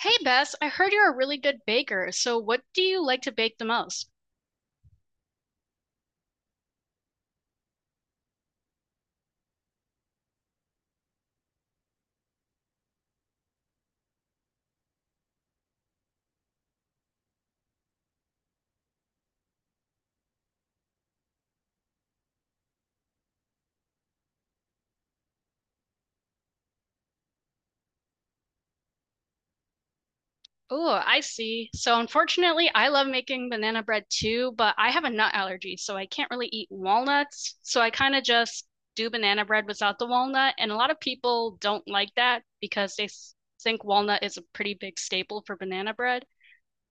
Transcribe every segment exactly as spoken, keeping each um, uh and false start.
Hey Bess, I heard you're a really good baker. So what do you like to bake the most? Oh, I see. So unfortunately, I love making banana bread too, but I have a nut allergy, so I can't really eat walnuts. So I kind of just do banana bread without the walnut, and a lot of people don't like that because they s- think walnut is a pretty big staple for banana bread.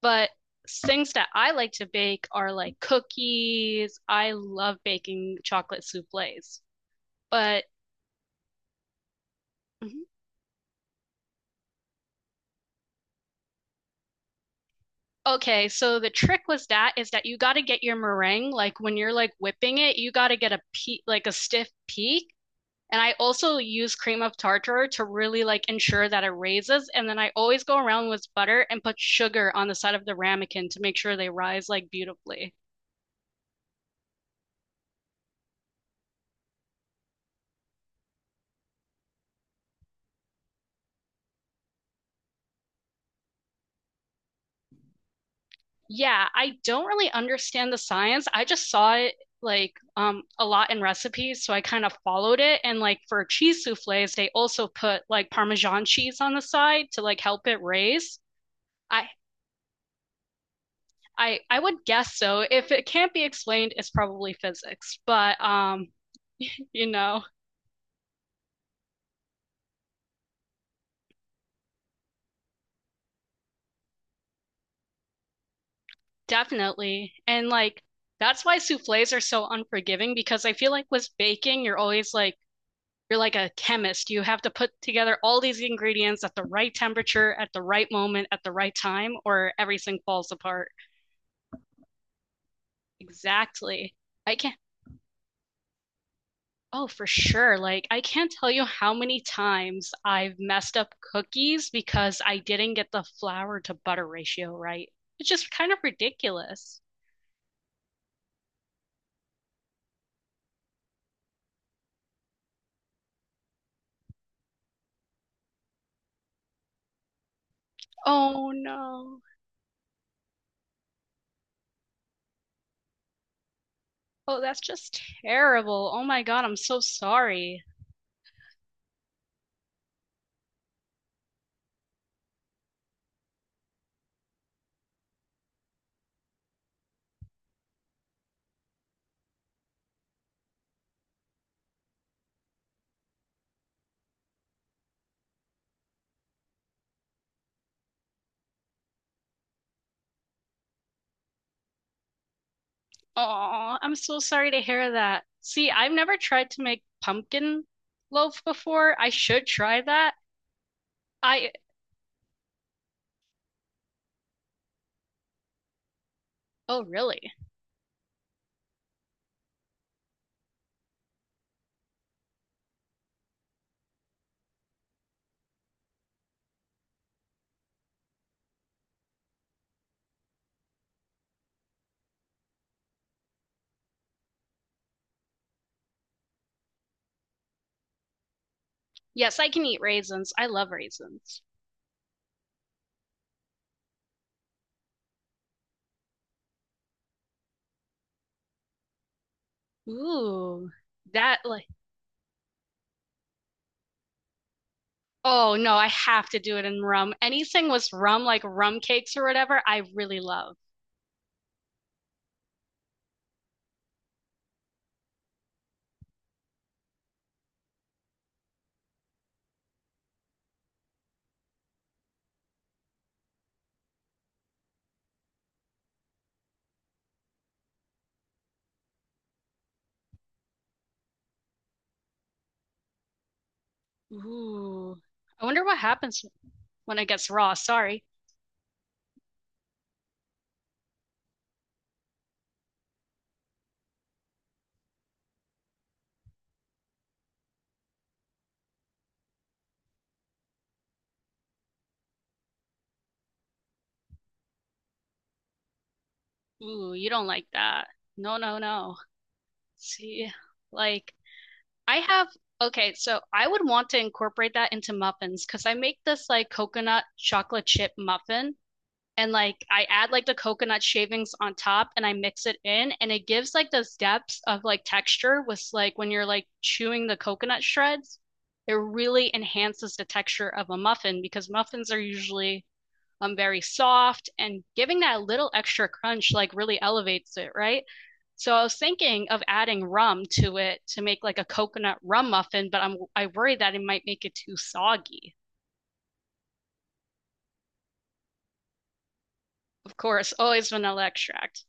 But things that I like to bake are like cookies. I love baking chocolate soufflés. But mm-hmm. Okay, so the trick was that is that you got to get your meringue like when you're like whipping it, you got to get a peak like a stiff peak. And I also use cream of tartar to really like ensure that it raises. And then I always go around with butter and put sugar on the side of the ramekin to make sure they rise like beautifully. Yeah, I don't really understand the science. I just saw it like um a lot in recipes, so I kind of followed it. And like for cheese soufflés, they also put like Parmesan cheese on the side to like help it raise. I I I would guess so. If it can't be explained, it's probably physics. But um, you know, definitely. And like that's why soufflés are so unforgiving because I feel like with baking, you're always like you're like a chemist. You have to put together all these ingredients at the right temperature, at the right moment, at the right time, or everything falls apart. Exactly. I can't Oh, for sure. Like, I can't tell you how many times I've messed up cookies because I didn't get the flour to butter ratio right. It's just kind of ridiculous. Oh, no. Oh, that's just terrible. Oh my God, I'm so sorry. Oh, I'm so sorry to hear that. See, I've never tried to make pumpkin loaf before. I should try that. I, oh, really? Yes, I can eat raisins. I love raisins. Ooh, that like Oh no, I have to do it in rum. Anything with rum, like rum cakes or whatever, I really love. Ooh. I wonder what happens when it gets raw. Sorry. Ooh, you don't like that. No, no, no. See, like I have, okay, so I would want to incorporate that into muffins because I make this like coconut chocolate chip muffin. And like I add like the coconut shavings on top and I mix it in and it gives like those depths of like texture with like when you're like chewing the coconut shreds. It really enhances the texture of a muffin because muffins are usually um very soft and giving that little extra crunch like really elevates it, right? So I was thinking of adding rum to it to make like a coconut rum muffin, but I'm I worry that it might make it too soggy. Of course, always vanilla extract.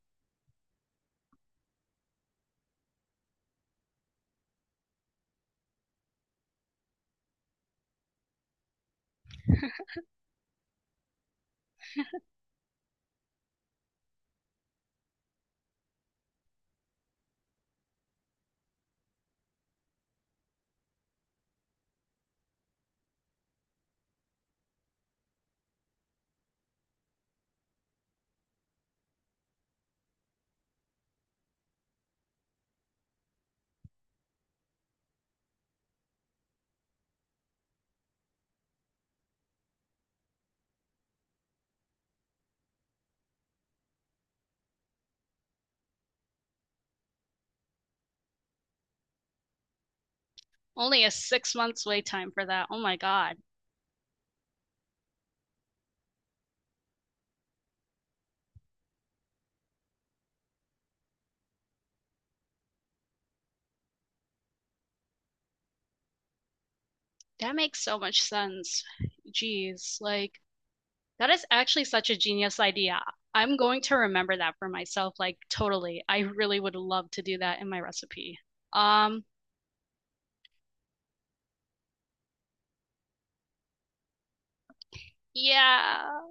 Only a six months wait time for that. Oh my God. That makes so much sense. Jeez, like that is actually such a genius idea. I'm going to remember that for myself, like totally. I really would love to do that in my recipe. Um, yeah.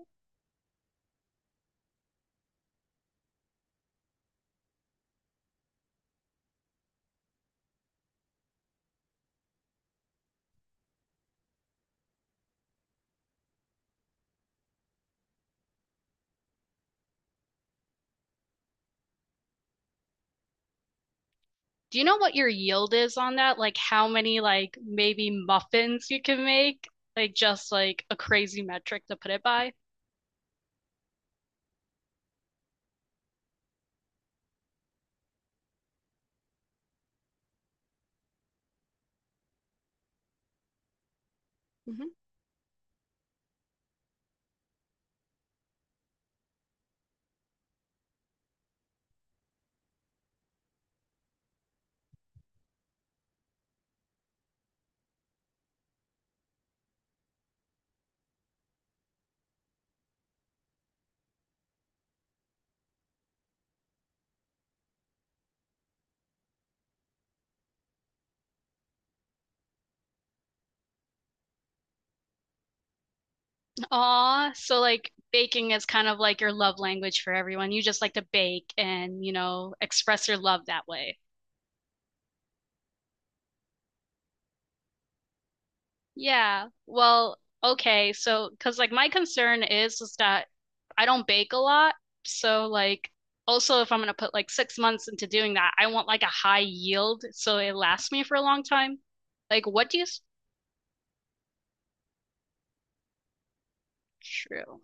Do you know what your yield is on that? Like how many like maybe muffins you can make? Like just like a crazy metric to put it by? Aw, so like baking is kind of like your love language for everyone. You just like to bake and, you know, express your love that way. Yeah. Well, okay. So, because like my concern is is that I don't bake a lot. So like also if I'm gonna put like six months into doing that, I want like a high yield so it lasts me for a long time. Like what do you, s- true.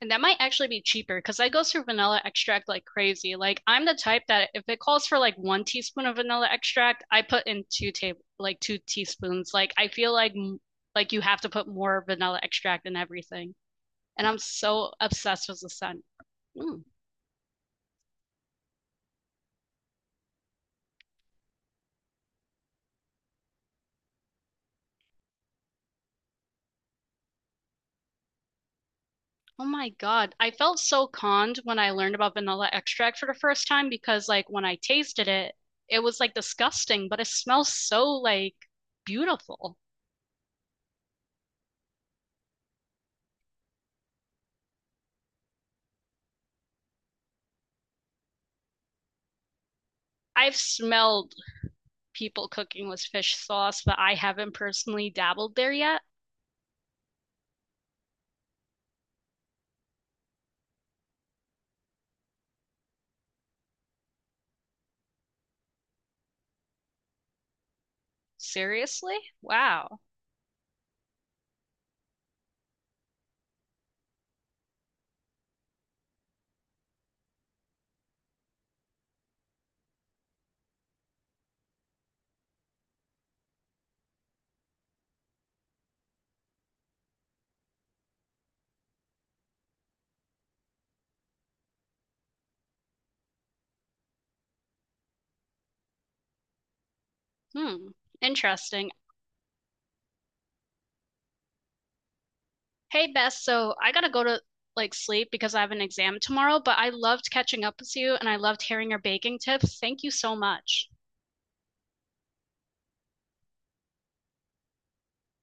And that might actually be cheaper because I go through vanilla extract like crazy. Like I'm the type that if it calls for like one teaspoon of vanilla extract, I put in two table like two teaspoons. Like I feel like like you have to put more vanilla extract in everything. And I'm so obsessed with the scent. Mm. Oh my God. I felt so conned when I learned about vanilla extract for the first time because like when I tasted it, it was like disgusting, but it smells so like beautiful. I've smelled people cooking with fish sauce, but I haven't personally dabbled there yet. Seriously? Wow. Hmm. Interesting. Hey, Beth, so I gotta go to like sleep because I have an exam tomorrow, but I loved catching up with you and I loved hearing your baking tips. Thank you so much.